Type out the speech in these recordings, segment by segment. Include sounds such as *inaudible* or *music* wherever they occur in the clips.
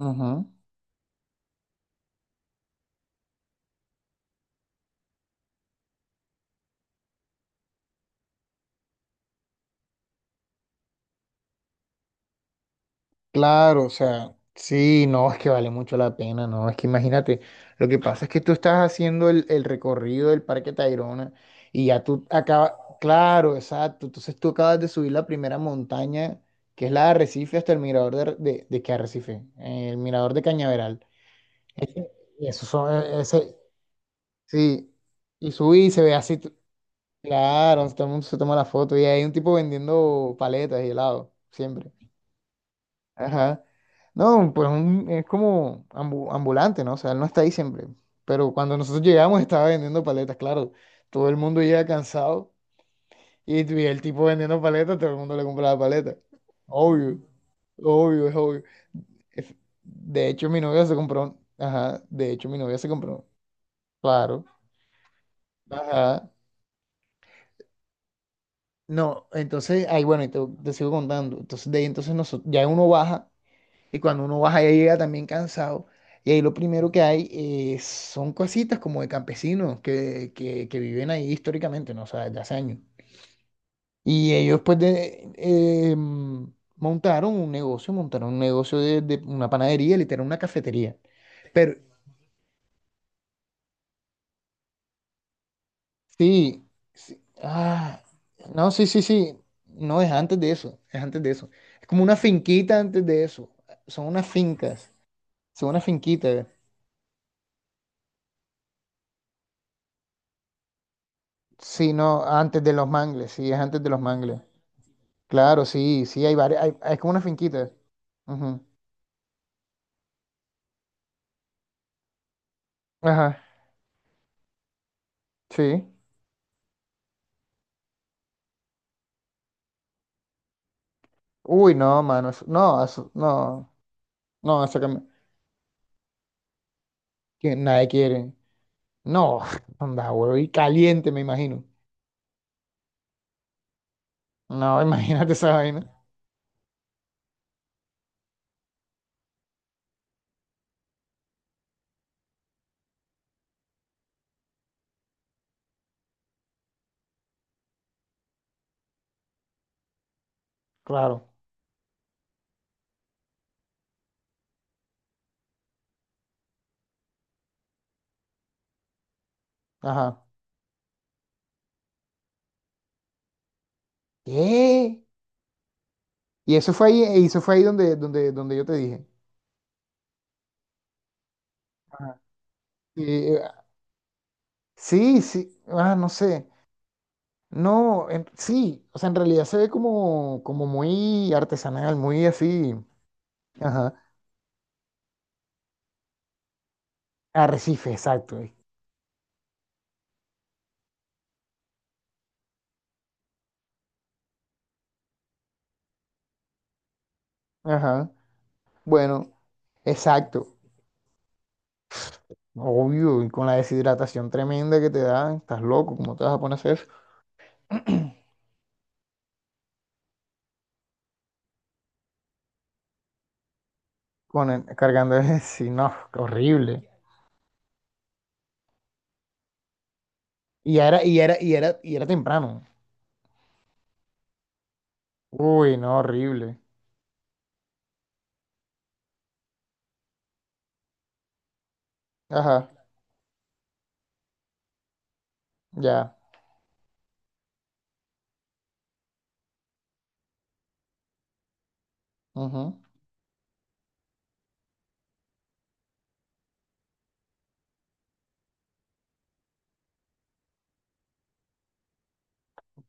Ujú. Claro, o sea, sí, no, es que vale mucho la pena, no, es que imagínate, lo que pasa es que tú estás haciendo el recorrido del Parque Tayrona y ya tú acabas, claro, exacto, entonces tú acabas de subir la primera montaña, que es la de Arrecife, hasta el mirador de, de qué Arrecife. El mirador de Cañaveral. Ese- y eso son, ese, sí, y subí y se ve así, claro, todo el mundo se toma la foto y hay un tipo vendiendo paletas y helado, siempre. Ajá. No, pues es como ambulante, ¿no? O sea, él no está ahí siempre. Pero cuando nosotros llegamos estaba vendiendo paletas, claro. Todo el mundo llega cansado y vi el tipo vendiendo paletas, todo el mundo le compra la paleta. Obvio, obvio, es obvio. Es- de hecho, mi novia se compró. Ajá, de hecho, mi novia se compró. Claro. Ajá. No, entonces, ahí bueno, y te sigo contando. Entonces, de ahí entonces nosotros, ya uno baja. Y cuando uno baja ya llega también cansado. Y ahí lo primero que hay son cositas como de campesinos que viven ahí históricamente, ¿no? O sea, desde hace años. Y ellos pues de, montaron un negocio de una panadería, literal, una cafetería. Pero sí, sí, ah, no, sí, sí, sí, no, es antes de eso, es antes de eso. Es como una finquita antes de eso. Son unas fincas, son unas finquitas. Sí, no, antes de los mangles, sí, es antes de los mangles. Claro, sí, sí, hay varias, hay, es como una finquita. Ujú. Ajá, sí. Uy, no, mano, no, no, no, eso que, que nadie quiere. No, *laughs* anda, huevo, y caliente, me imagino. No, *laughs* imagínate esa vaina. Claro, ajá. ¿Qué? Y eso fue ahí, y eso fue ahí donde, donde, donde yo te dije. Ajá. Y, sí, sí, ah, no sé. No, sí, o sea, en realidad se ve como, como muy artesanal, muy así. Ajá. Arrecife, exacto. Ajá. Bueno, exacto. Obvio, y con la deshidratación tremenda que te da, estás loco, ¿cómo te vas a poner a hacer eso? Cargando ese, *laughs* sí, no, qué horrible. Y era, y era, y era, y era temprano. Uy, no, horrible. Ajá, ya. Ujú.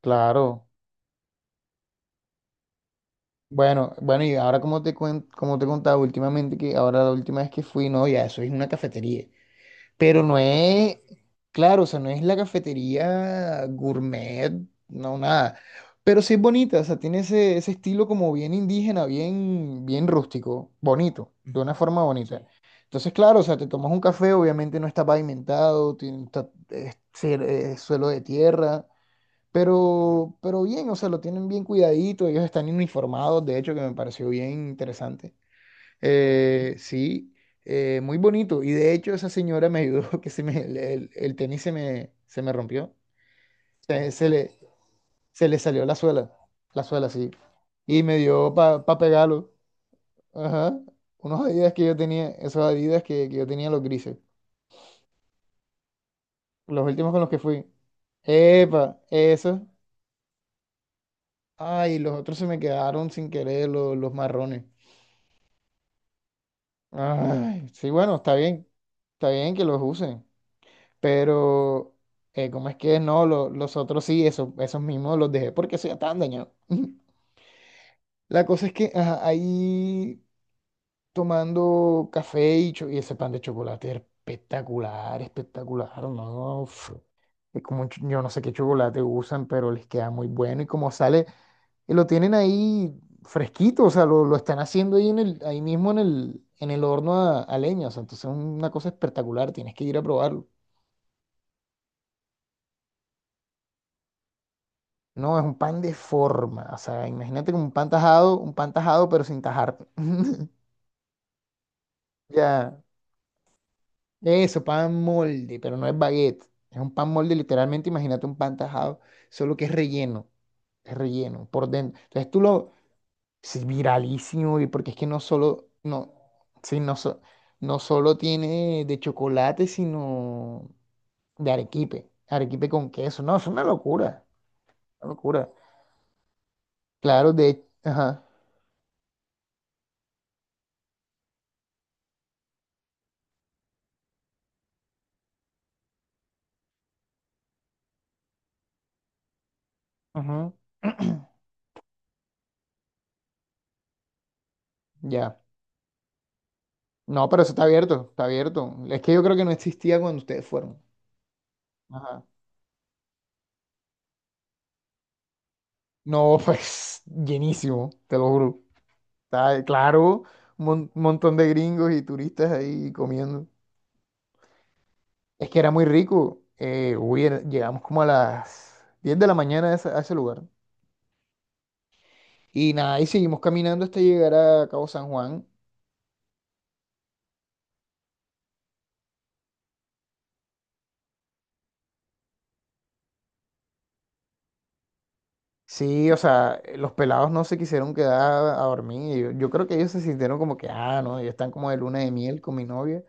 Claro. Bueno, bueno, y ahora como te como te contaba últimamente que ahora la última vez que fui, no, ya eso es una cafetería. Pero no es, claro, o sea, no es la cafetería gourmet, no, nada. Pero sí es bonita, o sea, tiene ese estilo como bien indígena, bien, bien rústico, bonito, de una forma bonita. Sí. Entonces, claro, o sea, te tomas un café, obviamente no está pavimentado, tiene, es, es suelo de tierra, pero bien, o sea, lo tienen bien cuidadito, ellos están uniformados, de hecho, que me pareció bien interesante. Sí, muy bonito. Y de hecho esa señora me ayudó, *laughs* que se me, el tenis se me rompió. Se, se le, se le salió la suela, sí. Y me dio para pa pegarlo. Ajá. Unos Adidas que yo tenía, esos Adidas que yo tenía los grises. Los últimos con los que fui. Epa, esos. Ay, los otros se me quedaron sin querer, los marrones. Ay, sí, bueno, está bien. Está bien que los usen. Pero, ¿cómo es que no? Los otros sí, eso, esos mismos los dejé porque eso ya estaban dañados. *laughs* La cosa es que ajá, ahí tomando café y, y ese pan de chocolate era espectacular, espectacular, ¿no? Uf, es como, yo no sé qué chocolate usan, pero les queda muy bueno y como sale, y lo tienen ahí fresquito, o sea, lo están haciendo ahí, en el, ahí mismo en el horno a leña, o sea, entonces es una cosa espectacular, tienes que ir a probarlo. No, es un pan de forma. O sea, imagínate como un pan tajado, pero sin tajar. *laughs* Ya, eso, pan molde, pero no es baguette. Es un pan molde, literalmente, imagínate un pan tajado, solo que es relleno por dentro. Entonces tú lo, es viralísimo, y porque es que no solo, no, sí, no, no solo tiene de chocolate, sino de arequipe, arequipe con queso. No, es una locura, una locura. Claro, de, ajá, ujú, *clears throat* ya. No, pero eso está abierto, está abierto. Es que yo creo que no existía cuando ustedes fueron. Ajá. No, *laughs* pues llenísimo, te lo juro. Está, claro, un montón de gringos y turistas ahí comiendo. Es que era muy rico. Uy, llegamos como a las 10 de la mañana a ese lugar. Y nada, y seguimos caminando hasta llegar a Cabo San Juan. Sí, o sea, los pelados no se quisieron quedar a dormir. Yo creo que ellos se sintieron como que, ah, no, ellos están como de luna de miel con mi novia.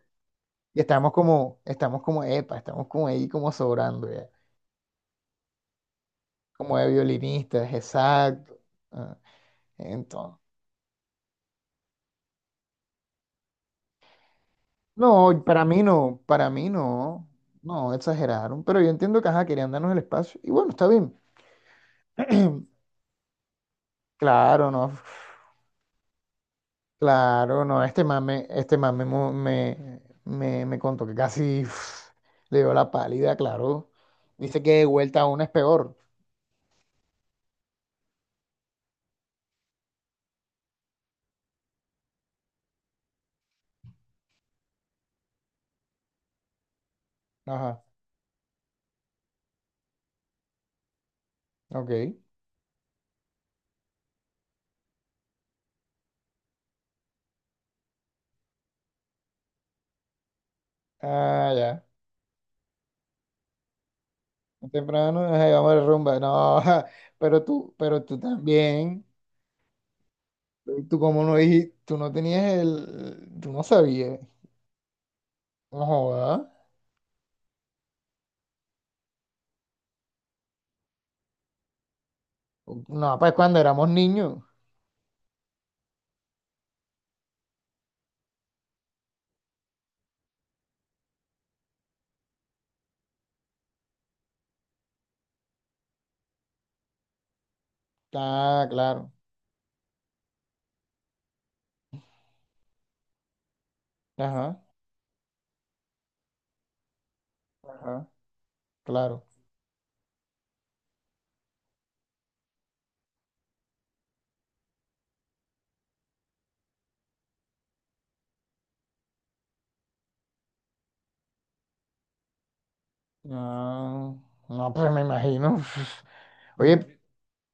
Y estamos como, epa, estamos como ahí como sobrando ya, como de violinistas, exacto. Ah, entonces, no, para mí no, para mí no, no, exageraron, pero yo entiendo que, ajá, querían darnos el espacio, y bueno, está bien. *clears throat* Claro, no, claro, no, este mame me contó que casi uf, le dio la pálida, claro. Dice que de vuelta a una es peor. Ajá, ok. Ah, ya. Temprano, ay, vamos a la rumba. No, *laughs* pero tú también. Tú como no dijiste, tú no tenías el, tú no sabías. No joda. No, pues cuando éramos niños. Ah, claro. Ajá, ajá, claro. Ah, no, pues me imagino. *laughs* Oye,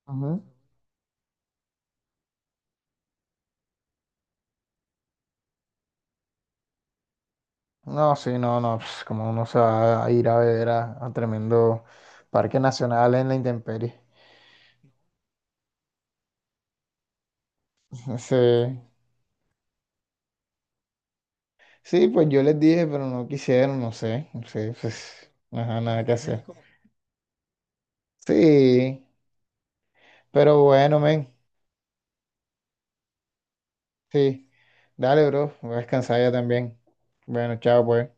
ujú. No, sí, no, no, pues como uno se va a ir a ver a tremendo parque nacional en la intemperie. *laughs* Sí. Sí, pues yo les dije, pero no quisieron, no sé, no sé, pues, ajá, nada que hacer. Sí, pero bueno, men, sí. Dale, bro, voy a descansar ya también. Bueno, chao, pues.